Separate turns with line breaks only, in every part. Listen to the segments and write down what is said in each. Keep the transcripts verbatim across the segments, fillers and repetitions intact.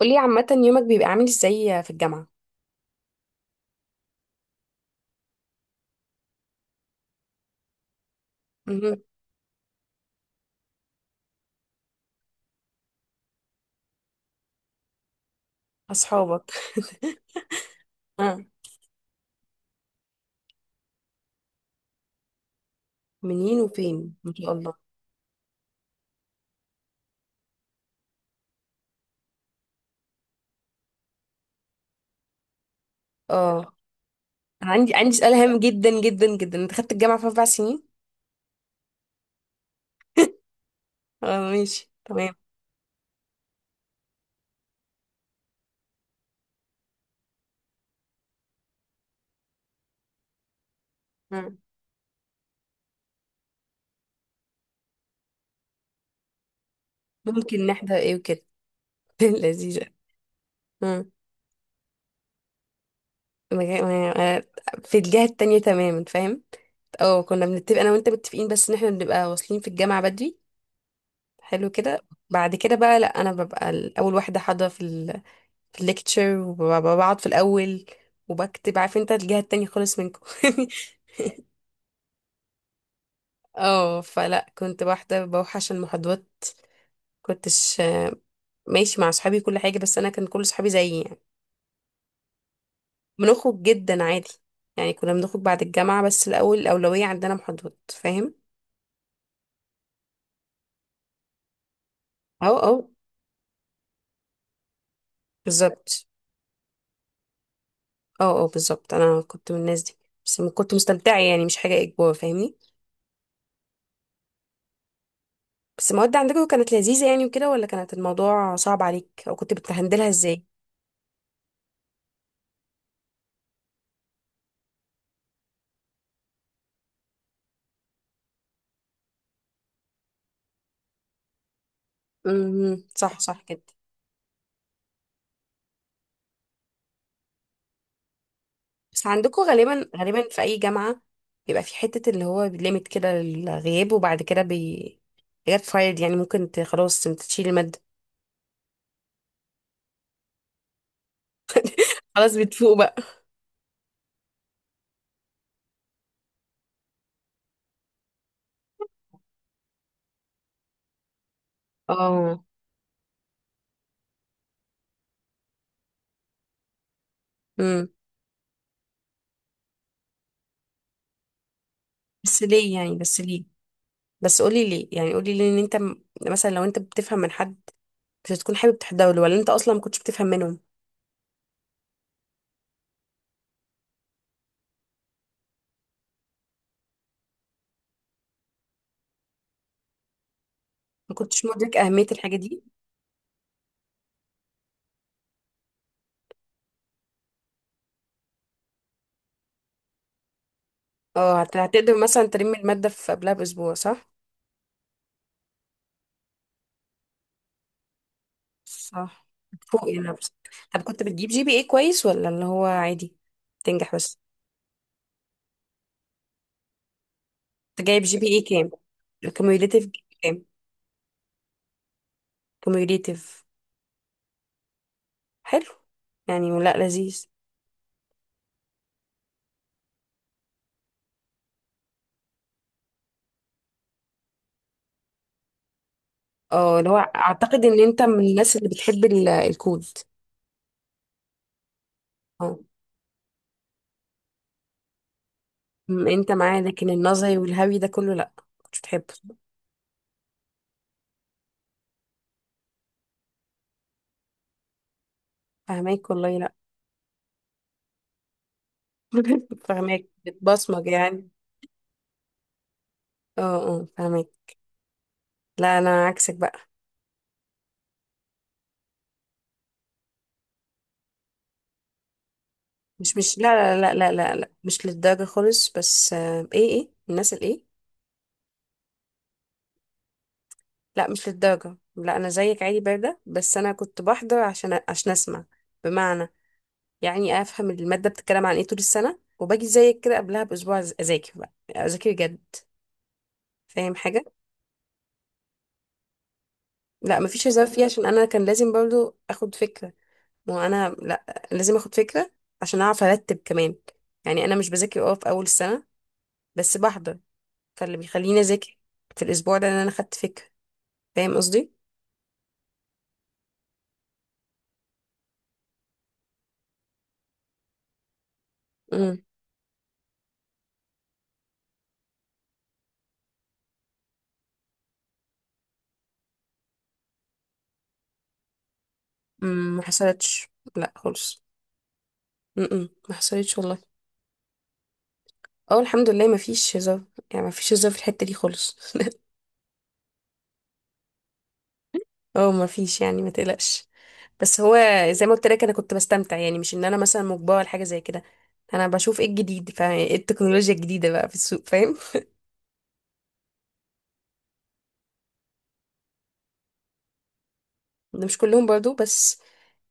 قولي عامة يومك بيبقى عامل ازاي في الجامعة؟ مهم. أصحابك آه. منين وفين؟ ما شاء الله. اه، أنا عندي عندي سؤال هام جدا جدا جدا، أنت خدت الجامعة في أربع سنين؟ اه ماشي تمام. مم. ممكن نحضر ايه وكده. لذيذة. مم. مجا- ما- في الجهة التانية تماما، فاهم؟ اه، كنا بنتفق أنا وأنت متفقين بس إن احنا بنبقى واصلين في الجامعة بدري. حلو كده. بعد كده بقى لأ، أنا ببقى أول واحدة حاضرة في ليكتشر وبقعد في الاول وبكتب، عارف انت الجهه التانية خالص منكم. اه، فلا كنت واحده بوحش المحاضرات، كنتش ماشي مع صحابي كل حاجه، بس انا كان كل صحابي زيي يعني. بنخرج جدا عادي، يعني كنا بنخرج بعد الجامعه، بس الاول الاولويه عندنا محاضرات، فاهم. اه اه بالظبط. اه اه بالظبط، انا كنت من الناس دي. بس م- كنت مستمتعه يعني، مش حاجه اجبار، فاهمني. بس المواد عندكم كانت لذيذه يعني وكده، ولا كانت الموضوع صعب عليك، او كنت بتهندلها ازاي؟ امم، صح صح كده. بس عندكم غالبا غالبا في اي جامعه بيبقى في حته اللي هو ليميت كده للغياب، وبعد كده بي حاجات فايد، يعني ممكن ت... خلاص انت تشيل الماده. خلاص بتفوق بقى. اه. امم. بس ليه يعني؟ بس ليه؟ بس قولي ليه يعني، قولي ليه ان انت م- مثلا لو انت بتفهم من حد، كنت تكون حابب تحضره له، ولا انت اصلا ما كنتش بتفهم منهم؟ ما كنتش مدرك اهميه الحاجه دي. اه، هت- هتقدر مثلا تلم الماده في قبلها باسبوع، صح؟ صح. فوق يعني بس. طب كنت بتجيب جي بي اي كويس، ولا اللي هو عادي تنجح بس؟ انت جايب جي بي اي كام الكوميوليتيف؟ كام كوميوليتيف؟ حلو، يعني لا لذيذ. اه، اللي هو اعتقد ان انت من الناس اللي بتحب ال- الكود. اه، م- انت معاه، لكن النظري والهوي ده كله لا، مش بتحبه. فهماك والله، لا. فهماك، بتبصمج يعني. اه اه، فهماك. لا انا عكسك بقى. مش مش لا لا لا لا لا, لا. مش للدرجة خالص، بس آه، ايه ايه الناس الايه. لا مش للدرجة، لا أنا زيك عادي باردة، بس أنا كنت بحضر عشان عشان أسمع. بمعنى يعني أفهم المادة بتتكلم عن إيه طول السنة، وباجي زيك كده قبلها بأسبوع أز- أذاكر بقى، أذاكر جد، فاهم حاجة. لا مفيش هزار فيه، عشان أنا كان لازم برضو أخد فكرة، وأنا لا لازم أخد فكرة عشان أعرف أرتب كمان. يعني أنا مش بذاكر أه في أول السنة، بس بحضر، فاللي بيخليني أذاكر في الأسبوع ده إن أنا خدت فكرة، فاهم قصدي؟ أمم، أمم، ما حصلتش، لا خالص. أمم، ما حصلتش والله. اه، الحمد لله، مفيش هزار يعني، مفيش هزار في الحتة دي خالص. اه مفيش، يعني ما تقلقش. بس هو زي ما قلت لك انا كنت بستمتع، يعني مش ان انا مثلا مجبرة لحاجة زي كده. انا بشوف ايه الجديد، فايه التكنولوجيا الجديدة بقى في السوق، فاهم. مش كلهم برضو بس.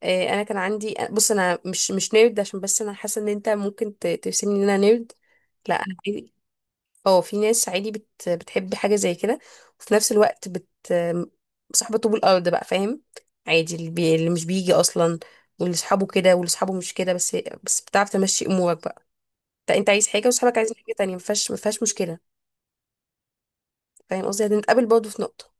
آه، انا كان عندي، بص انا مش مش نيرد، عشان بس انا حاسة ان انت ممكن ت- ترسمني ان انا نيرد. لا. اه، في ناس عادي بت... بتحب حاجة زي كده، وفي نفس الوقت بت صاحبة طوب الأرض بقى، فاهم. عادي اللي, بي... اللي مش بيجي أصلا، واللي صحابه كده، واللي صحابه مش كده، بس بس بتعرف تمشي أمورك بقى. انت انت عايز حاجة وصحابك عايزين حاجة تانية، مفيهاش مفيهاش مشكلة. فاهم قصدي، هنتقابل برضه في نقطة.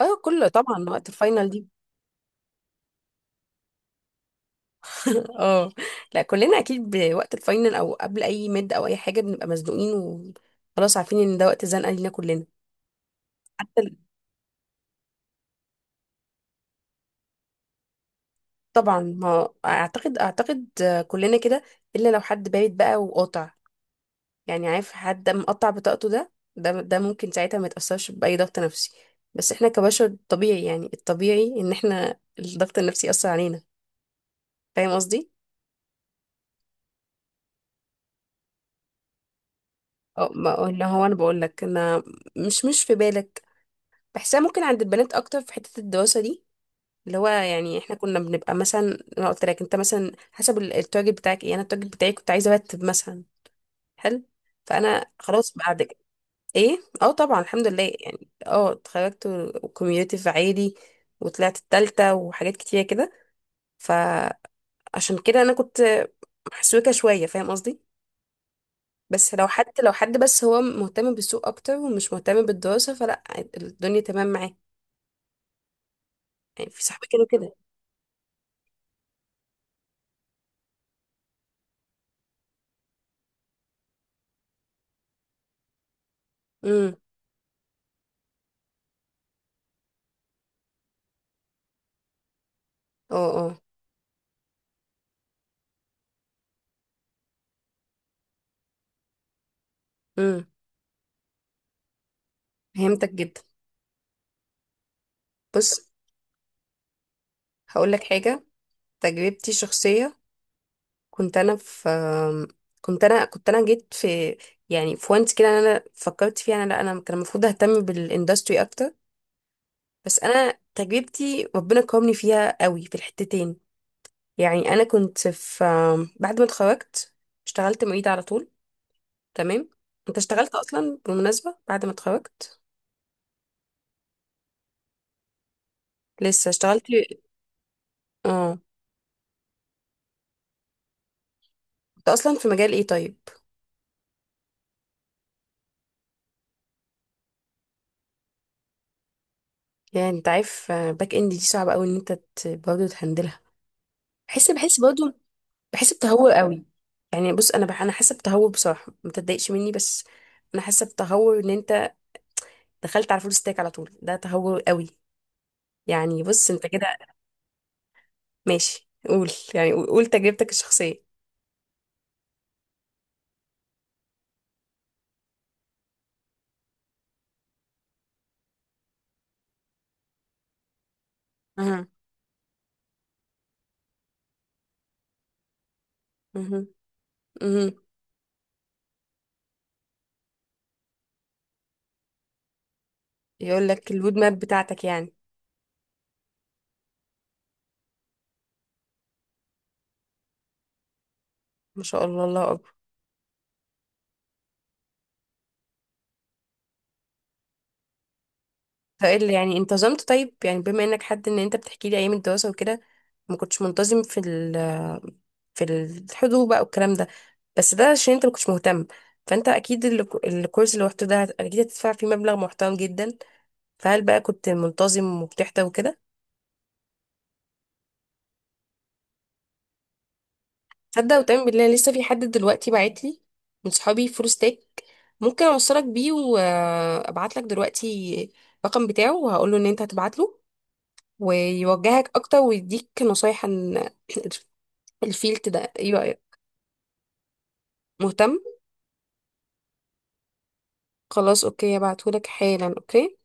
اه، كله طبعا وقت الفاينل دي. اه، لا كلنا اكيد بوقت الفاينل او قبل اي مد او اي حاجه بنبقى مزنوقين، وخلاص عارفين ان ده وقت زنقه لينا كلنا. طبعا، ما اعتقد اعتقد كلنا كده، الا لو حد بارد بقى وقاطع، يعني عارف حد مقطع بطاقته ده، ده ده ممكن ساعتها ما يتأثرش بأي ضغط نفسي. بس احنا كبشر طبيعي، يعني الطبيعي ان احنا الضغط النفسي يأثر علينا، فاهم قصدي؟ اه، ما- اللي هو انا بقول لك انا، مش مش في بالك، بحسها ممكن عند البنات اكتر في حتة الدراسة دي. اللي هو يعني احنا كنا بنبقى مثلا، انا قلت لك انت مثلا حسب ال- التارجت بتاعك ايه، انا التارجت بتاعي كنت عايزه ارتب مثلا. حلو، فانا خلاص بعد ايه. اه، طبعا الحمد لله يعني، اه اتخرجت وكوميونيتي في عادي، وطلعت التالتة وحاجات كتيرة كده. فعشان كده انا كنت محسوكة شوية، فاهم قصدي. بس لو حد، لو حد بس هو مهتم بالسوق اكتر ومش مهتم بالدراسة، فلا، الدنيا تمام معاه، يعني في صحابي كانوا كده. امم اه اه امم. فهمتك جدا. بص، هقول لك حاجة. تجربتي الشخصية، كنت انا في كنت انا كنت انا جيت في، يعني في وانت كده انا فكرت فيها، انا لا انا كان المفروض اهتم بالاندستري اكتر، بس انا تجربتي ربنا كرمني فيها قوي في الحتتين. يعني انا كنت في، بعد ما اتخرجت اشتغلت معيدة على طول. تمام. انت اشتغلت اصلا بالمناسبة بعد ما اتخرجت؟ لسه اشتغلت؟ اه. انت اصلا في مجال ايه طيب؟ يعني انت عارف باك اند دي صعبة قوي ان انت ت- برضه تهندلها. بحس بحس برضه، بحس بتهور قوي. يعني بص انا بح... انا حاسه بتهور بصراحه، ما تتضايقش مني بس. انا حاسه بتهور ان انت دخلت على فول ستاك على طول، ده تهور قوي. يعني بص انت كده. ماشي، قول يعني، قول قول تجربتك الشخصيه. اها اها اها. يقول لك الرود ماب بتاعتك يعني. ما شاء الله، الله. فقال لي، يعني انتظمت طيب، يعني بما انك حد ان انت بتحكي لي ايام الدراسه وكده ما كنتش منتظم في ال في الحضور بقى والكلام ده، بس ده عشان انت ما كنتش مهتم. فانت اكيد ال- الكورس اللي رحته ده هت- اكيد هتدفع فيه مبلغ محترم جدا، فهل بقى كنت منتظم وبتحضر وكده؟ تصدق وتؤمن بالله لسه في حد دلوقتي بعت لي من صحابي فول ستيك، ممكن اوصلك بيه، وابعت لك دلوقتي الرقم بتاعه وهقول له ان انت هتبعت له، ويوجهك اكتر ويديك نصايح عن الفيلد ده. ايوه ايوه. مهتم. خلاص اوكي، هبعتهولك حالا. اوكي.